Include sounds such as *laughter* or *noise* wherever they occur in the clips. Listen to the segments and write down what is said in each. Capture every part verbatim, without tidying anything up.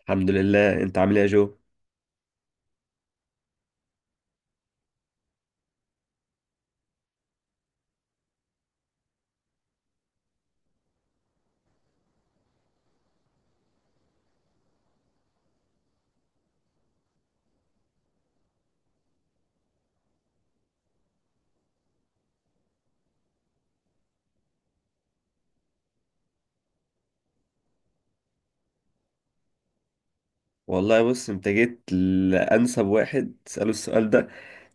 الحمد لله. انت عامل ايه يا جو؟ والله بص، انت جيت لانسب واحد تساله السؤال ده،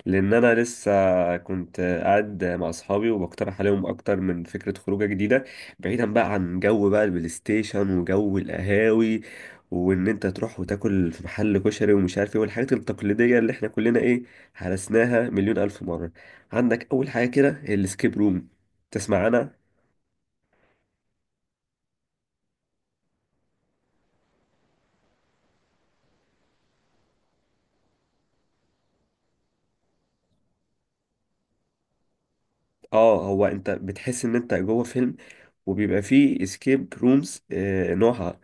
لان انا لسه كنت قاعد مع اصحابي وبقترح عليهم اكتر من فكره خروجه جديده، بعيدا بقى عن جو بقى البلاي ستيشن وجو القهاوي، وان انت تروح وتاكل في محل كشري ومش عارف ايه، والحاجات التقليديه اللي احنا كلنا ايه، هرسناها مليون الف مره. عندك اول حاجه كده الاسكيب روم، تسمع انا. اه، هو انت بتحس ان انت جوه فيلم، وبيبقى فيه اسكيب رومز، نوعها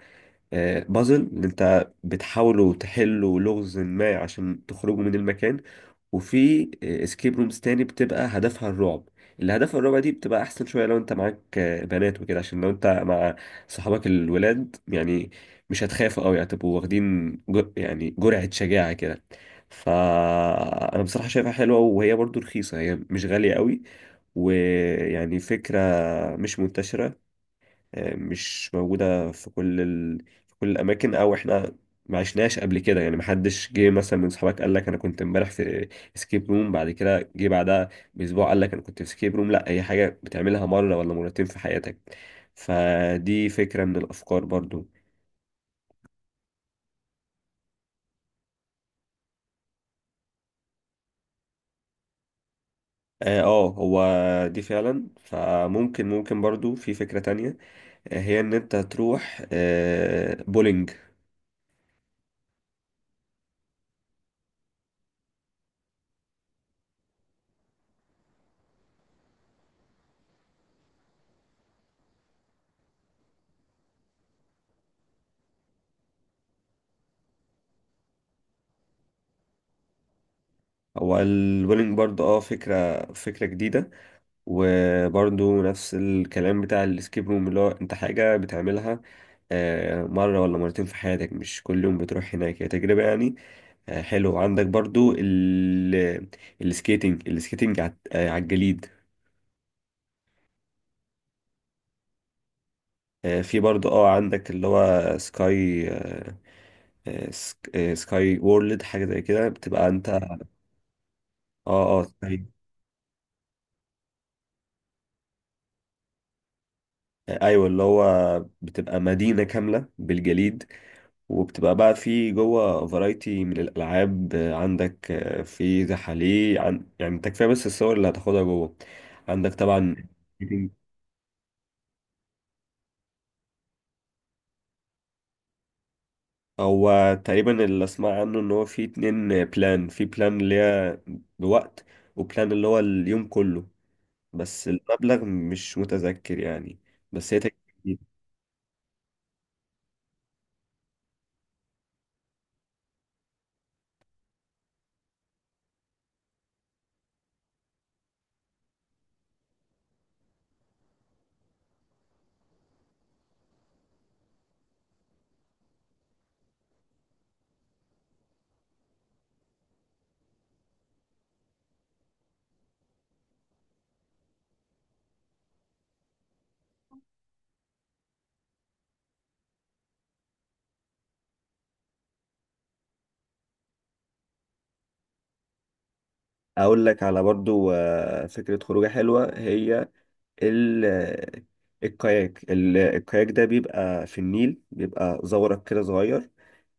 آه، بازل اللي انت بتحاولوا تحلوا لغز ما عشان تخرجوا من المكان، وفي اسكيب رومز تاني بتبقى هدفها الرعب. اللي هدفها الرعب دي بتبقى احسن شويه لو انت معاك آه، بنات وكده، عشان لو انت مع صحابك الولاد يعني مش هتخافوا قوي، هتبقوا واخدين جر... يعني جرعه شجاعه كده. فانا بصراحه شايفها حلوه وهي برضو رخيصه، هي مش غاليه قوي، ويعني فكره مش منتشره، آه، مش موجودة في كل ال... في كل الأماكن، أو إحنا ما عشناش قبل كده يعني. محدش جه مثلا من صحابك قال لك أنا كنت امبارح في اسكيب روم، بعد كده جه بعدها بأسبوع قال لك أنا كنت في اسكيب روم. لا، هي حاجة بتعملها مرة ولا مرتين في حياتك. فدي فكرة من الأفكار برضو. اه، آه، هو دي فعلا. فممكن، ممكن برضو في فكرة تانية، آه، هي ان انت تروح آه، بولينج. هو البولينج برضو اه، فكرة فكرة جديدة، وبرضو نفس الكلام بتاع الاسكيب روم، اللي هو انت حاجة بتعملها آه، مرة ولا مرتين في حياتك، مش كل يوم بتروح هناك، هي تجربة يعني آه، حلوة. عندك برضو ال السكيتنج السكيتنج على آه، على الجليد. آه، في برضو اه، عندك اللي هو سكاي، آه، آه، سك- آه، سكاي وورلد، حاجة زي كده بتبقى انت. اه اه سكاي. آه، ايوه اللي هو بتبقى مدينة كاملة بالجليد، وبتبقى بقى في جوه فرايتي من الألعاب. آه، عندك آه، في زحاليق عن... يعني انت كفاية بس الصور اللي هتاخدها جوه. عندك طبعا. هو تقريبا اللي اسمع عنه ان هو في اتنين بلان. في بلان اللي هي بوقت، وبلان اللي هو اليوم كله، بس المبلغ مش متذكر يعني. بس هي تكفي. اقول لك على برضو آه، فكرة خروجة حلوة، هي ال الكاياك. ال- الكاياك ده بيبقى في النيل، بيبقى زورق كده صغير،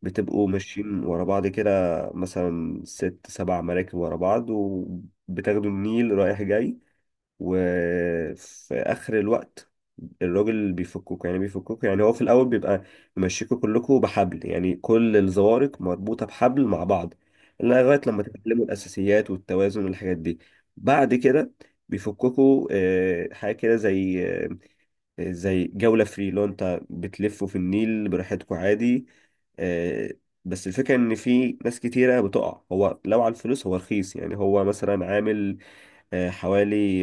بتبقوا ماشيين ورا بعض كده، مثلا ست سبع مراكب ورا بعض، وبتاخدوا النيل رايح جاي، وفي اخر الوقت الراجل بيفككوا، يعني بيفككوا يعني هو في الاول بيبقى ممشيكوا كلكوا بحبل، يعني كل الزوارق مربوطه بحبل مع بعض، لغايه لما تتعلموا الاساسيات والتوازن والحاجات دي. بعد كده بيفككوا آه، حاجه كده زي آه، زي جوله فري، لو انت بتلفوا في النيل براحتكوا عادي. آه، بس الفكره ان في ناس كتيره بتقع. هو لو على الفلوس هو رخيص يعني، هو مثلا عامل آه، حوالي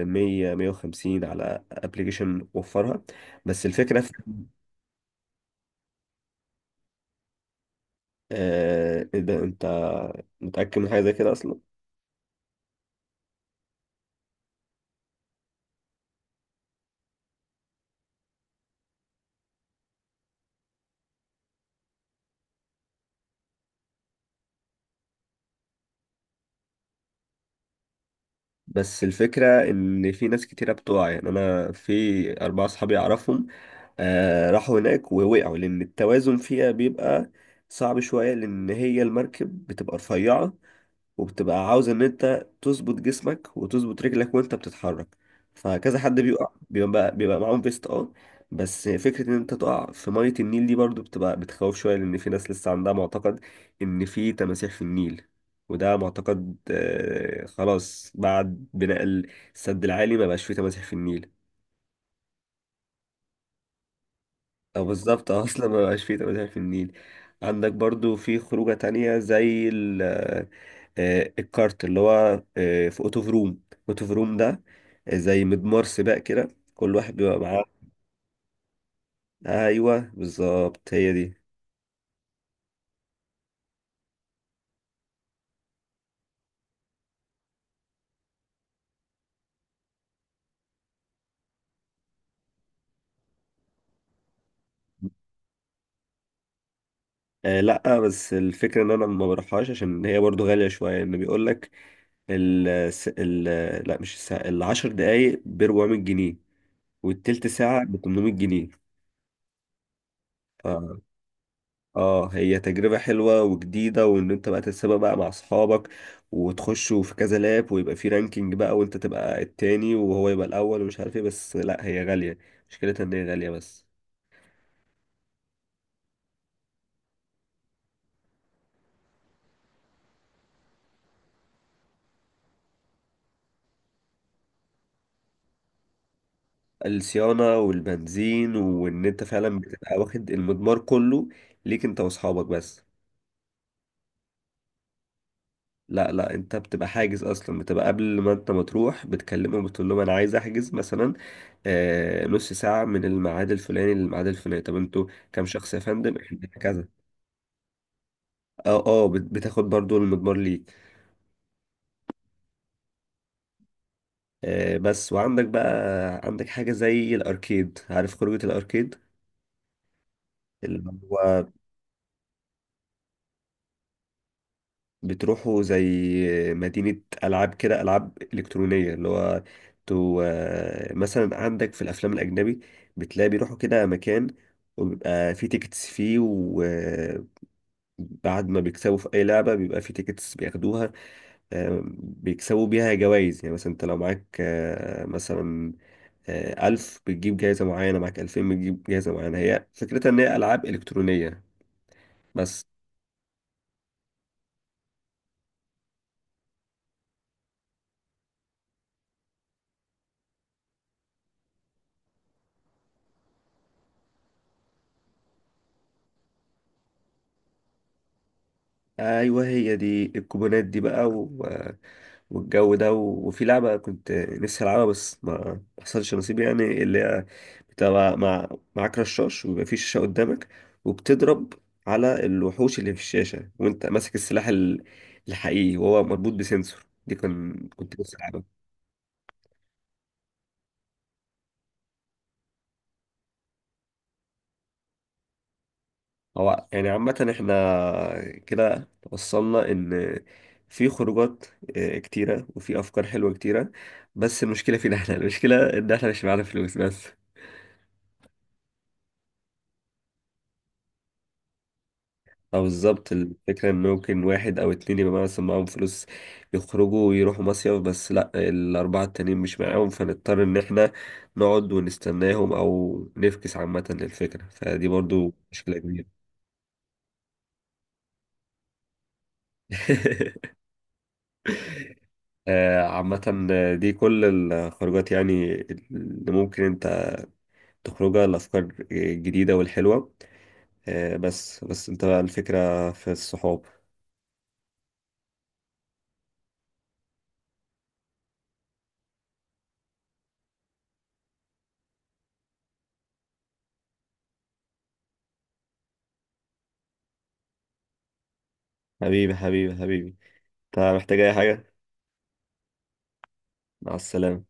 آه، مية مية وخمسين على ابلكيشن وفرها. بس الفكرة في آه، إيه ده، انت متأكد من حاجة زي كده اصلا؟ بس الفكرة ان في ناس كتيرة بتقع، يعني انا في اربعة صحابي اعرفهم آه، راحوا هناك ووقعوا، لان التوازن فيها بيبقى صعب شوية، لان هي المركب بتبقى رفيعة، وبتبقى عاوز ان انت تظبط جسمك وتظبط رجلك وانت بتتحرك. فكذا حد بيقع، بيبقى بيبقى معاهم فيست اه، بس فكرة ان انت تقع في مية النيل دي برضو بتبقى بتخوف شوية، لان في ناس لسه عندها معتقد ان في تماسيح في النيل، وده معتقد آه، خلاص بعد بناء السد العالي ما بقاش فيه تماسيح في النيل. او بالظبط آه، *laughs* اصلا ما بقاش فيه تماسيح في النيل. عندك برضو في خروجة تانية زي آه، الكارت، اللي هو آه، في اوتو فروم. اوتو فروم ده آه، زي مضمار سباق كده، كل واحد بيبقى معاه. ايوه بالظبط هي دي. آه لا، بس الفكره ان انا ما بروحهاش عشان هي برضو غاليه شويه. ان بيقول لك ال الس- ال لا، مش الساعه، العشر دقايق ب اربعمية جنيه، والتلت ساعه ب تمنمية جنيه. اه هي تجربة حلوة وجديدة، وان انت بقى تتسابق بقى مع اصحابك، وتخشوا في كذا لاب، ويبقى في رانكينج بقى، وانت تبقى التاني وهو يبقى الاول ومش عارف ايه، بس لا هي غالية، مشكلتها ان هي غالية بس. الصيانة والبنزين، وان انت فعلا بتبقى واخد المضمار كله ليك انت واصحابك بس. لا لا، انت بتبقى حاجز اصلا، بتبقى قبل ما انت ما تروح بتكلمهم، بتقول لهم انا عايز احجز مثلا آه نص ساعة من الميعاد الفلاني للميعاد الفلاني. طب انتوا كام شخص يا فندم؟ احنا كذا. اه اه، بت- بتاخد برضو المضمار ليك. آه، بس. وعندك بقى، عندك حاجة زي الأركيد، عارف خروجة الأركيد؟ اللي هو بتروحوا زي مدينة ألعاب كده، ألعاب إلكترونية، اللي هو تو، آه، مثلا عندك في الأفلام الأجنبي بتلاقي بيروحوا كده مكان، وبيبقى فيه تيكتس فيه، وبعد ما بيكسبوا في أي لعبة بيبقى فيه تيكتس بياخدوها، آه، بيكسبوا بيها جوائز، يعني مثلا أنت لو معاك آه، مثلا آه، ألف بتجيب جايزة معينة، معاك ألفين بتجيب جايزة معينة. هي فكرتها إن هي ألعاب إلكترونية بس. أيوه هي دي الكوبونات دي بقى و... والجو ده و... وفي لعبة كنت نفسي ألعبها بس ما ما حصلش نصيب، يعني اللي هي بتبقى مع معاك رشاش، ويبقى في شاشة قدامك، وبتضرب على الوحوش اللي في الشاشة، وأنت ماسك السلاح ال- الحقيقي، وهو مربوط بسنسور دي. كان كنت بس. هو يعني عامة احنا كده وصلنا ان في خروجات آه، كتيرة، وفي افكار حلوة كتيرة، بس المشكلة فينا احنا، المشكلة ان احنا مش معانا فلوس بس. او بالظبط، الفكرة ان ممكن واحد او اتنين يبقى مثلا معاهم فلوس يخرجوا ويروحوا مصيف، بس لا الاربعة التانيين مش معاهم، فنضطر ان احنا نقعد ونستناهم او نفكس عامة للفكرة، فدي برضو مشكلة كبيرة. *laughs* آه، عامة آه، دي كل الخروجات يعني اللي ممكن انت تخرجها، الأفكار الجديدة والحلوة. آه، بس بس انت بقى الفكرة في الصحاب. حبيبي حبيبي حبيبي، انت محتاج أي حاجة؟ مع السلامة.